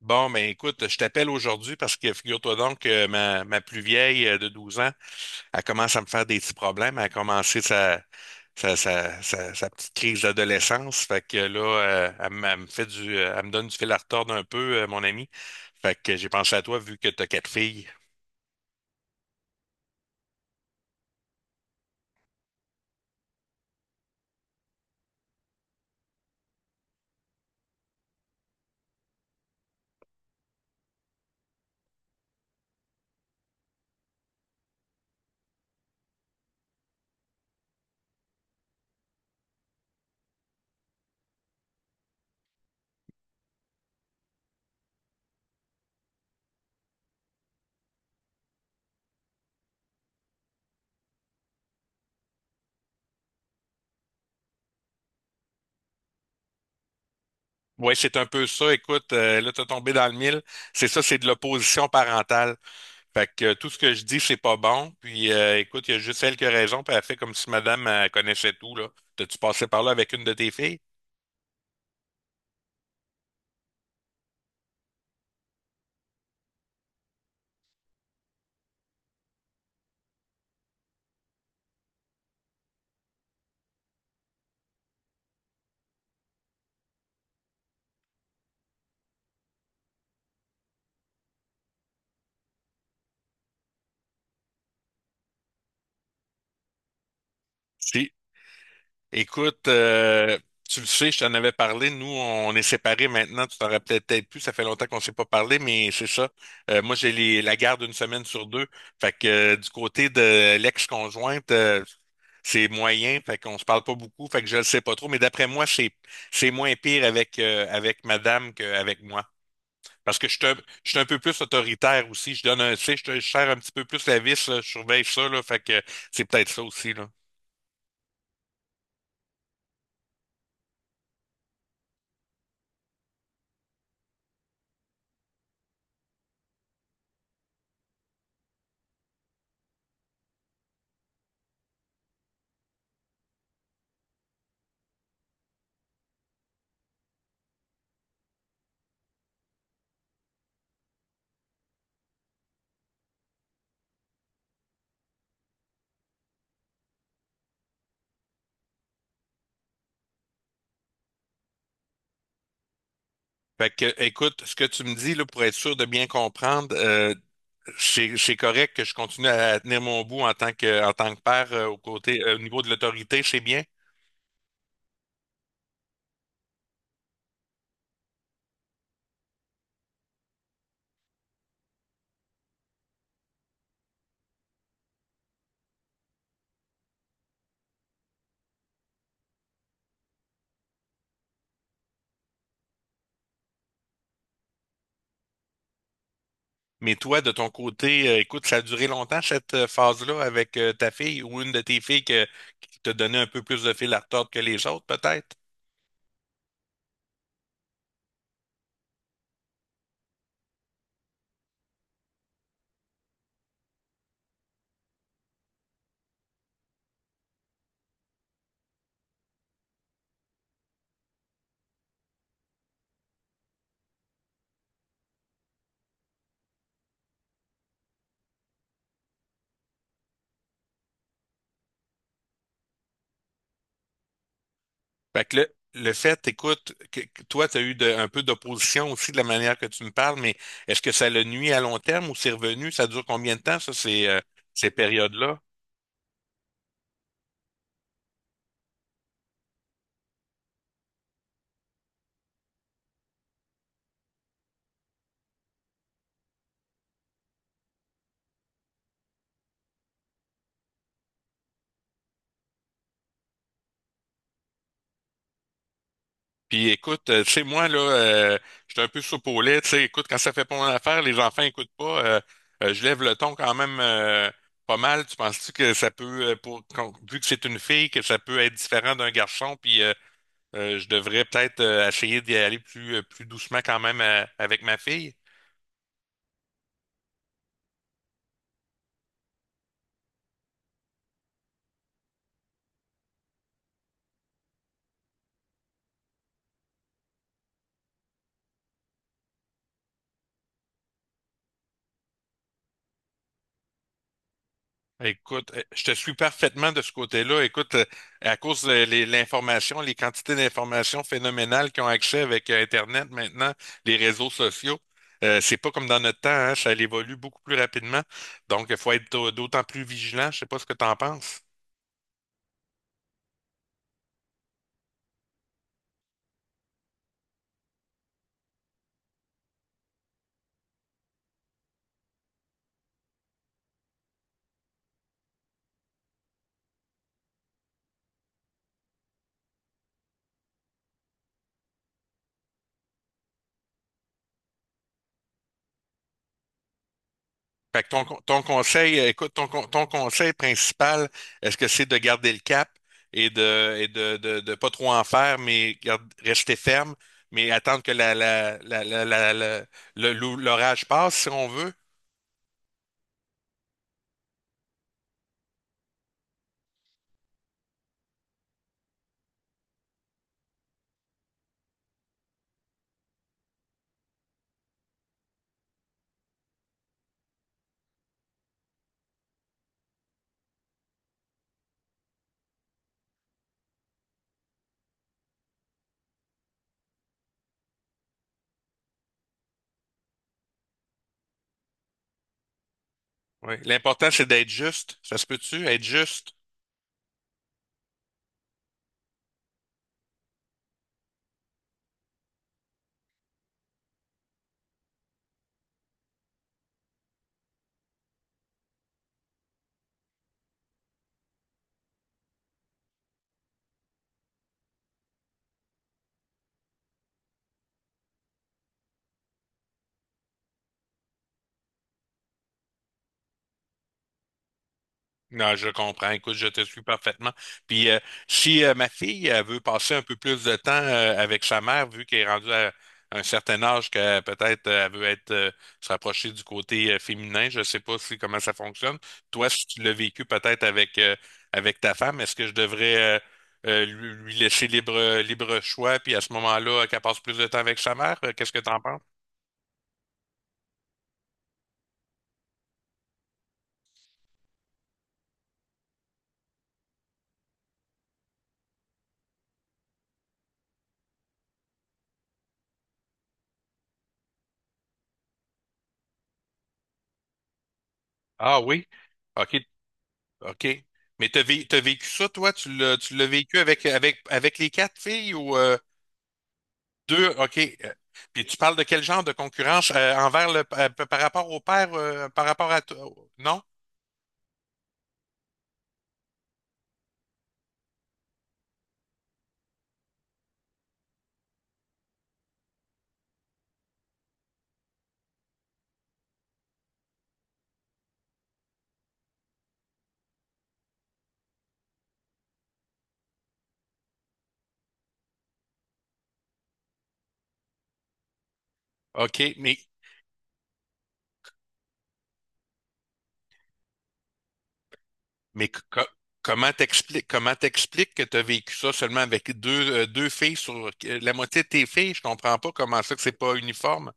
Bon, ben écoute, je t'appelle aujourd'hui parce que figure-toi donc que ma plus vieille de 12 ans, elle commence à me faire des petits problèmes. Elle a commencé sa petite crise d'adolescence. Fait que là, elle me donne du fil à retordre un peu, mon ami. Fait que j'ai pensé à toi vu que tu as quatre filles. Ouais, c'est un peu ça. Écoute, là, t'as tombé dans le mille. C'est ça, c'est de l'opposition parentale. Fait que tout ce que je dis, c'est pas bon. Puis écoute, il y a juste elle qui a raison, puis elle fait comme si madame connaissait tout, là. T'as-tu passé par là avec une de tes filles? Si. Écoute, tu le sais, je t'en avais parlé, nous, on est séparés maintenant, tu t'en rappelles peut-être plus, ça fait longtemps qu'on ne s'est pas parlé, mais c'est ça. Moi, j'ai la garde une semaine sur deux. Fait que du côté de l'ex-conjointe, c'est moyen, fait qu'on se parle pas beaucoup, fait que je le sais pas trop, mais d'après moi, c'est moins pire avec avec madame qu'avec moi. Parce que je suis un, Je suis un peu plus autoritaire aussi. Tu sais, je serre un petit peu plus la vis, là, je surveille ça, là. Fait que c'est peut-être ça aussi, là. Fait que, écoute, ce que tu me dis, là, pour être sûr de bien comprendre, c'est correct que je continue à tenir mon bout en tant que père, au niveau de l'autorité, c'est bien? Mais toi, de ton côté, écoute, ça a duré longtemps cette phase-là avec ta fille ou une de tes filles qui t'a donné un peu plus de fil à retordre que les autres, peut-être? Fait que le fait, écoute, que toi, tu as eu un peu d'opposition aussi de la manière que tu me parles, mais est-ce que ça le nuit à long terme ou c'est revenu? Ça dure combien de temps, ça, ces périodes-là? Puis écoute, tu sais, moi, là, j'étais un peu soupe au lait, tu sais, écoute, quand ça fait pas mon affaire, les enfants écoutent pas, je lève le ton quand même pas mal. Tu penses-tu que ça peut, vu que c'est une fille, que ça peut être différent d'un garçon, puis je devrais peut-être essayer d'y aller plus doucement quand même avec ma fille? Écoute, je te suis parfaitement de ce côté-là. Écoute, à cause de l'information, les quantités d'informations phénoménales qui ont accès avec Internet maintenant, les réseaux sociaux, c'est pas comme dans notre temps, hein, ça évolue beaucoup plus rapidement. Donc, il faut être d'autant plus vigilant. Je sais pas ce que tu en penses. Fait que ton conseil, écoute, ton conseil principal, est-ce que c'est de garder le cap et de pas trop en faire, mais rester ferme, mais attendre que l'orage passe, si on veut? Oui. L'important, c'est d'être juste. Ça se peut-tu, être juste? Non, je comprends. Écoute, je te suis parfaitement. Puis si ma fille elle veut passer un peu plus de temps avec sa mère, vu qu'elle est rendue à un certain âge que peut-être elle veut être se rapprocher du côté féminin, je ne sais pas si comment ça fonctionne. Toi, si tu l'as vécu peut-être avec avec ta femme, est-ce que je devrais lui laisser libre choix, puis à ce moment-là, qu'elle passe plus de temps avec sa mère? Qu'est-ce que tu en penses? Ah oui. OK, OK. Mais t'as vécu ça, toi? Tu l'as vécu avec les quatre filles ou deux? OK. Puis tu parles de quel genre de concurrence envers le par rapport au père, par rapport à toi? Non? OK, mais co- co- comment t'expliques que tu as vécu ça seulement avec deux filles sur la moitié de tes filles? Je comprends pas comment ça que c'est pas uniforme.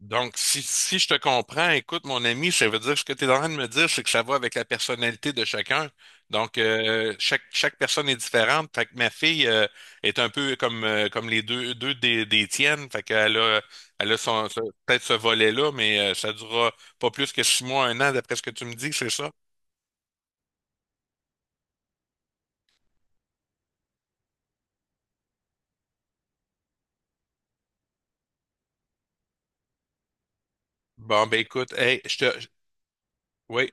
Donc, si je te comprends, écoute, mon ami, ça veut dire ce que tu es en train de me dire, c'est que ça va avec la personnalité de chacun. Donc, chaque personne est différente. Fait que ma fille est un peu comme les deux des tiennes. Fait qu'elle a son, peut-être ce volet-là, mais ça durera pas plus que 6 mois, un an, d'après ce que tu me dis, c'est ça? Bon, ben écoute, hey, Oui,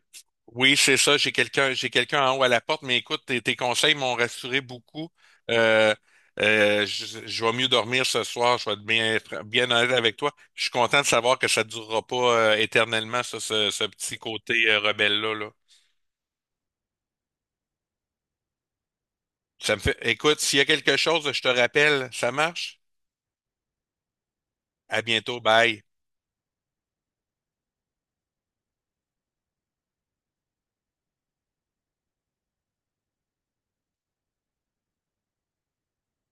oui, c'est ça. J'ai quelqu'un en haut à la porte, mais écoute, tes conseils m'ont rassuré beaucoup. Euh, je vais mieux dormir ce soir. Je vais être bien honnête avec toi. Je suis content de savoir que ça ne durera pas éternellement, ça, ce petit côté rebelle-là, là. Ça me fait. Écoute, s'il y a quelque chose, je te rappelle. Ça marche? À bientôt. Bye.